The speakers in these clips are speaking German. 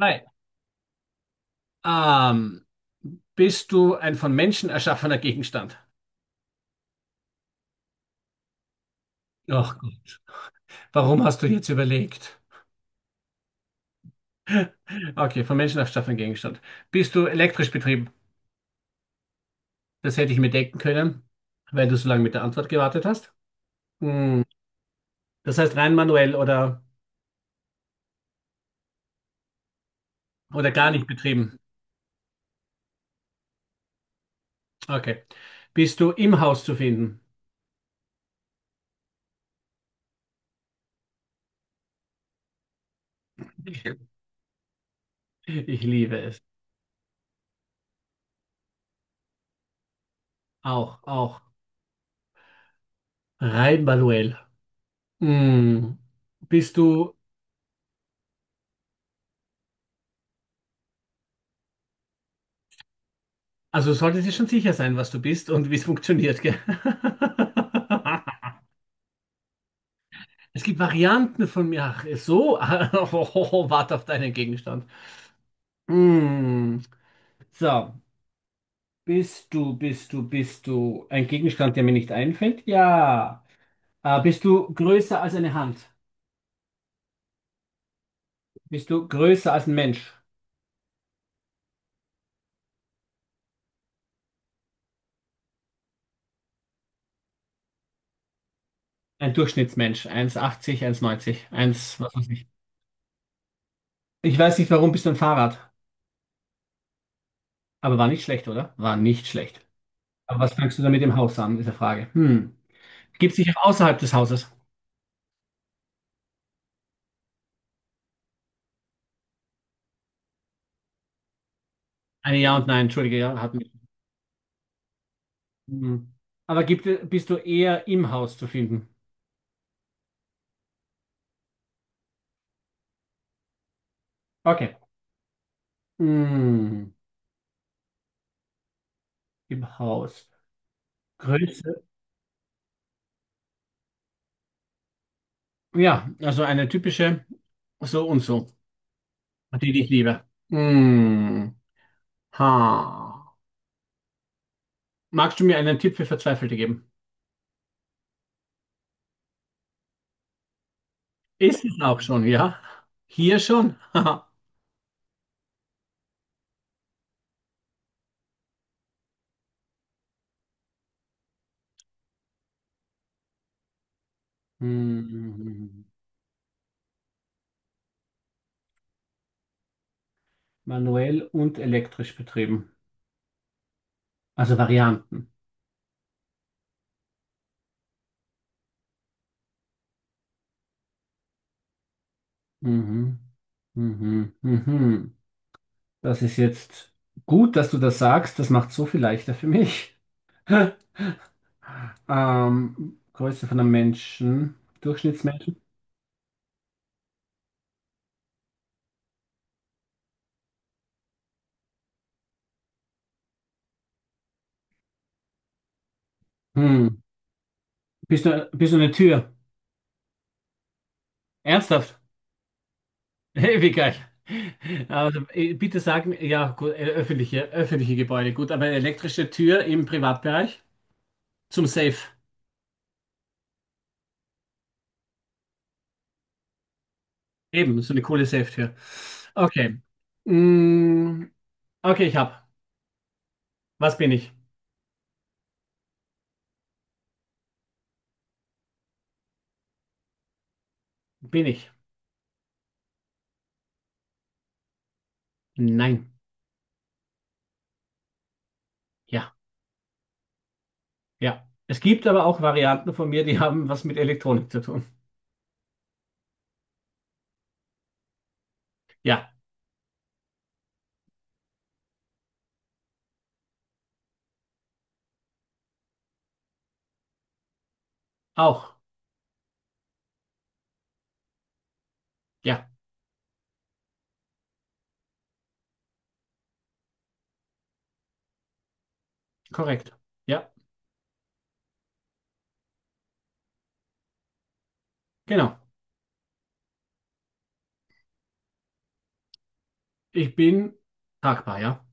Hi. Ähm, Bist du ein von Menschen erschaffener Gegenstand? Ach Gott. Warum hast du jetzt überlegt? Okay, von Menschen erschaffener Gegenstand. Bist du elektrisch betrieben? Das hätte ich mir denken können, weil du so lange mit der Antwort gewartet hast. Hm. Das heißt rein manuell oder gar nicht betrieben. Okay. Bist du im Haus zu finden? Ich liebe es. Auch, auch. Rein manuell. Hm. Bist du. Also solltest du schon sicher sein, was du bist und wie es funktioniert, gell? Es gibt Varianten von mir. Ach, so, oh, warte auf deinen Gegenstand. Hm. So, bist du ein Gegenstand, der mir nicht einfällt? Ja. Bist du größer als eine Hand? Bist du größer als ein Mensch? Ein Durchschnittsmensch. 1,80, neunzig, eins was weiß ich. Ich weiß nicht, warum bist du ein Fahrrad? Aber war nicht schlecht, oder? War nicht schlecht. Aber was fängst du da mit dem Haus an, ist die Frage. Hm. Gibt es dich auch außerhalb des Hauses? Eine Ja und Nein, entschuldige, ja, hatten wir. Hm. Aber gibt, bist du eher im Haus zu finden? Okay. Hm. Im Haus. Größe. Ja, also eine typische so und so, die ich liebe. Hm. Ha. Magst du mir einen Tipp für Verzweifelte geben? Ist es auch schon, ja? Hier schon? Haha. Hm. Manuell und elektrisch betrieben. Also Varianten. Mhm. Mhm. Mhm. Mhm. Das ist jetzt gut, dass du das sagst. Das macht so viel leichter für mich. Größe von einem Menschen, Durchschnittsmenschen. Hm. Bist du eine Tür? Ernsthaft? Hey, wie geil. Also, bitte sagen, ja, gut, öffentliche, öffentliche Gebäude, gut, aber eine elektrische Tür im Privatbereich zum Safe. Eben, so eine coole Safe-Tür. Okay. Mm, okay, ich hab. Was bin ich? Bin ich? Nein. Ja. Ja. Es gibt aber auch Varianten von mir, die haben was mit Elektronik zu tun. Ja, auch. Ja, korrekt. Ja, genau. Ich bin tragbar, ja.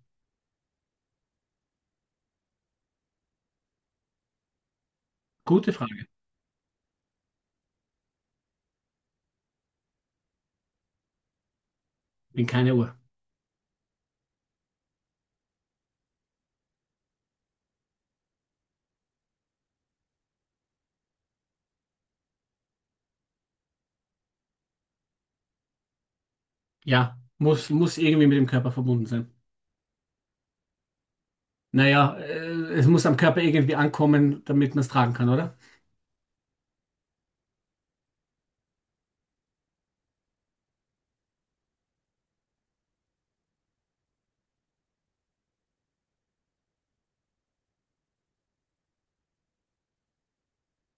Gute Frage. Bin keine Uhr. Ja, muss irgendwie mit dem Körper verbunden sein. Naja, es muss am Körper irgendwie ankommen, damit man es tragen kann, oder?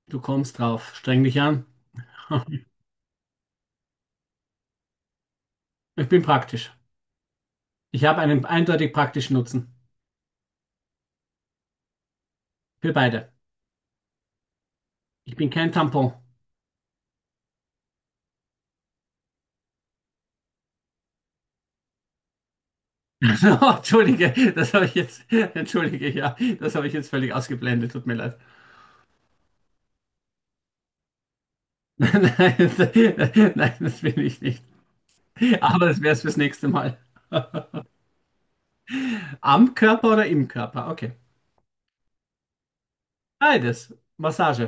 Du kommst drauf. Streng dich an. Ich bin praktisch. Ich habe einen eindeutig praktischen Nutzen. Für beide. Ich bin kein Tampon. Oh, entschuldige, das habe ich jetzt, entschuldige, ja, das habe ich jetzt völlig ausgeblendet, tut mir leid. Nein, nein, das will ich nicht. Aber das wäre es fürs nächste Mal. Am Körper oder im Körper? Okay. Beides. Massage.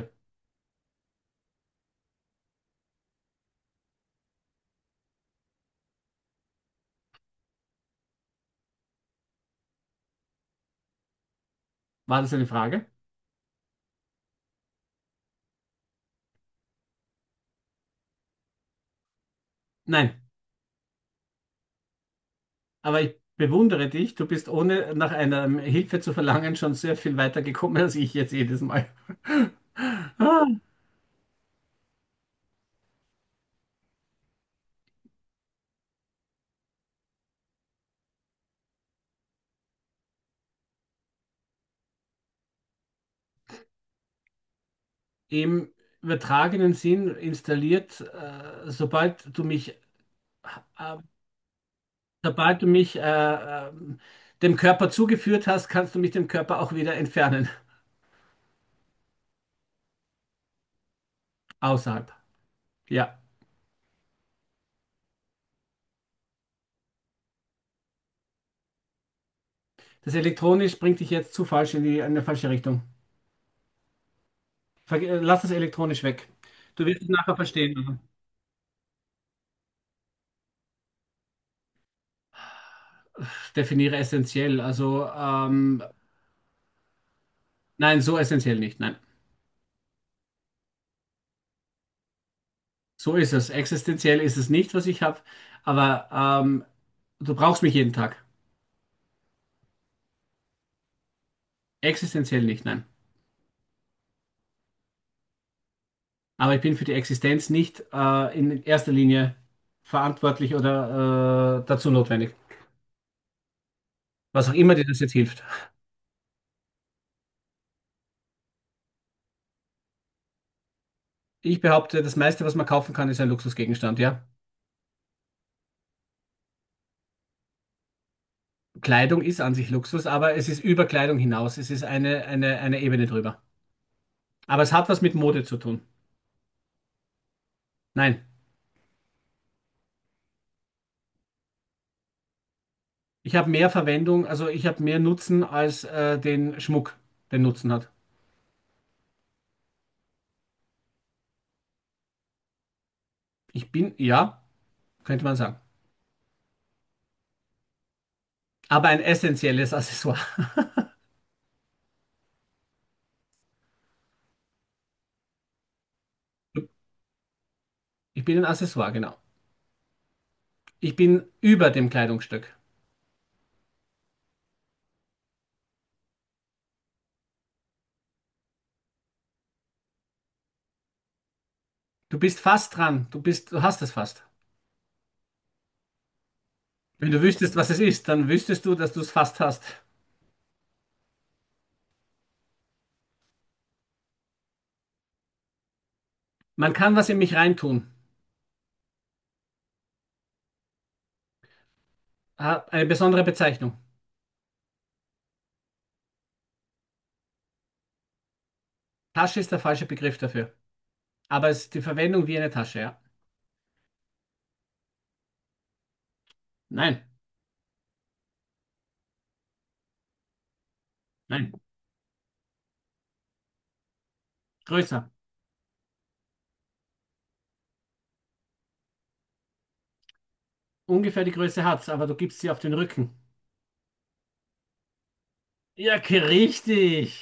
War das eine Frage? Nein. Aber ich bewundere dich, du bist ohne nach einer Hilfe zu verlangen schon sehr viel weiter gekommen als ich jetzt jedes Mal. Ah. Im übertragenen Sinn installiert, äh, Sobald du mich dem Körper zugeführt hast, kannst du mich dem Körper auch wieder entfernen. Außerhalb. Ja. Das elektronisch bringt dich jetzt zu falsch in die, in eine falsche Richtung. Ver Lass das elektronisch weg. Du wirst es nachher verstehen. Definiere essentiell. Also, nein, so essentiell nicht. Nein. So ist es. Existenziell ist es nicht, was ich habe. Aber ähm, du brauchst mich jeden Tag. Existenziell nicht. Nein. Aber ich bin für die Existenz nicht in erster Linie verantwortlich oder dazu notwendig. Was auch immer dir das jetzt hilft. Ich behaupte, das meiste, was man kaufen kann, ist ein Luxusgegenstand, ja. Kleidung ist an sich Luxus, aber es ist über Kleidung hinaus. Es ist eine Ebene drüber. Aber es hat was mit Mode zu tun. Nein, ich habe mehr Verwendung, also ich habe mehr Nutzen als den Schmuck, den Nutzen hat. Ich bin, ja, könnte man sagen. Aber ein essentielles Accessoire. Ich bin ein Accessoire, genau. Ich bin über dem Kleidungsstück. Du bist fast dran. Du bist, du hast es fast. Wenn du wüsstest, was es ist, dann wüsstest du, dass du es fast hast. Man kann was in mich reintun. Ah, eine besondere Bezeichnung. Tasche ist der falsche Begriff dafür. Aber es ist die Verwendung wie eine Tasche, ja? Nein, nein. Größer. Ungefähr die Größe hat's, aber du gibst sie auf den Rücken. Ja, richtig.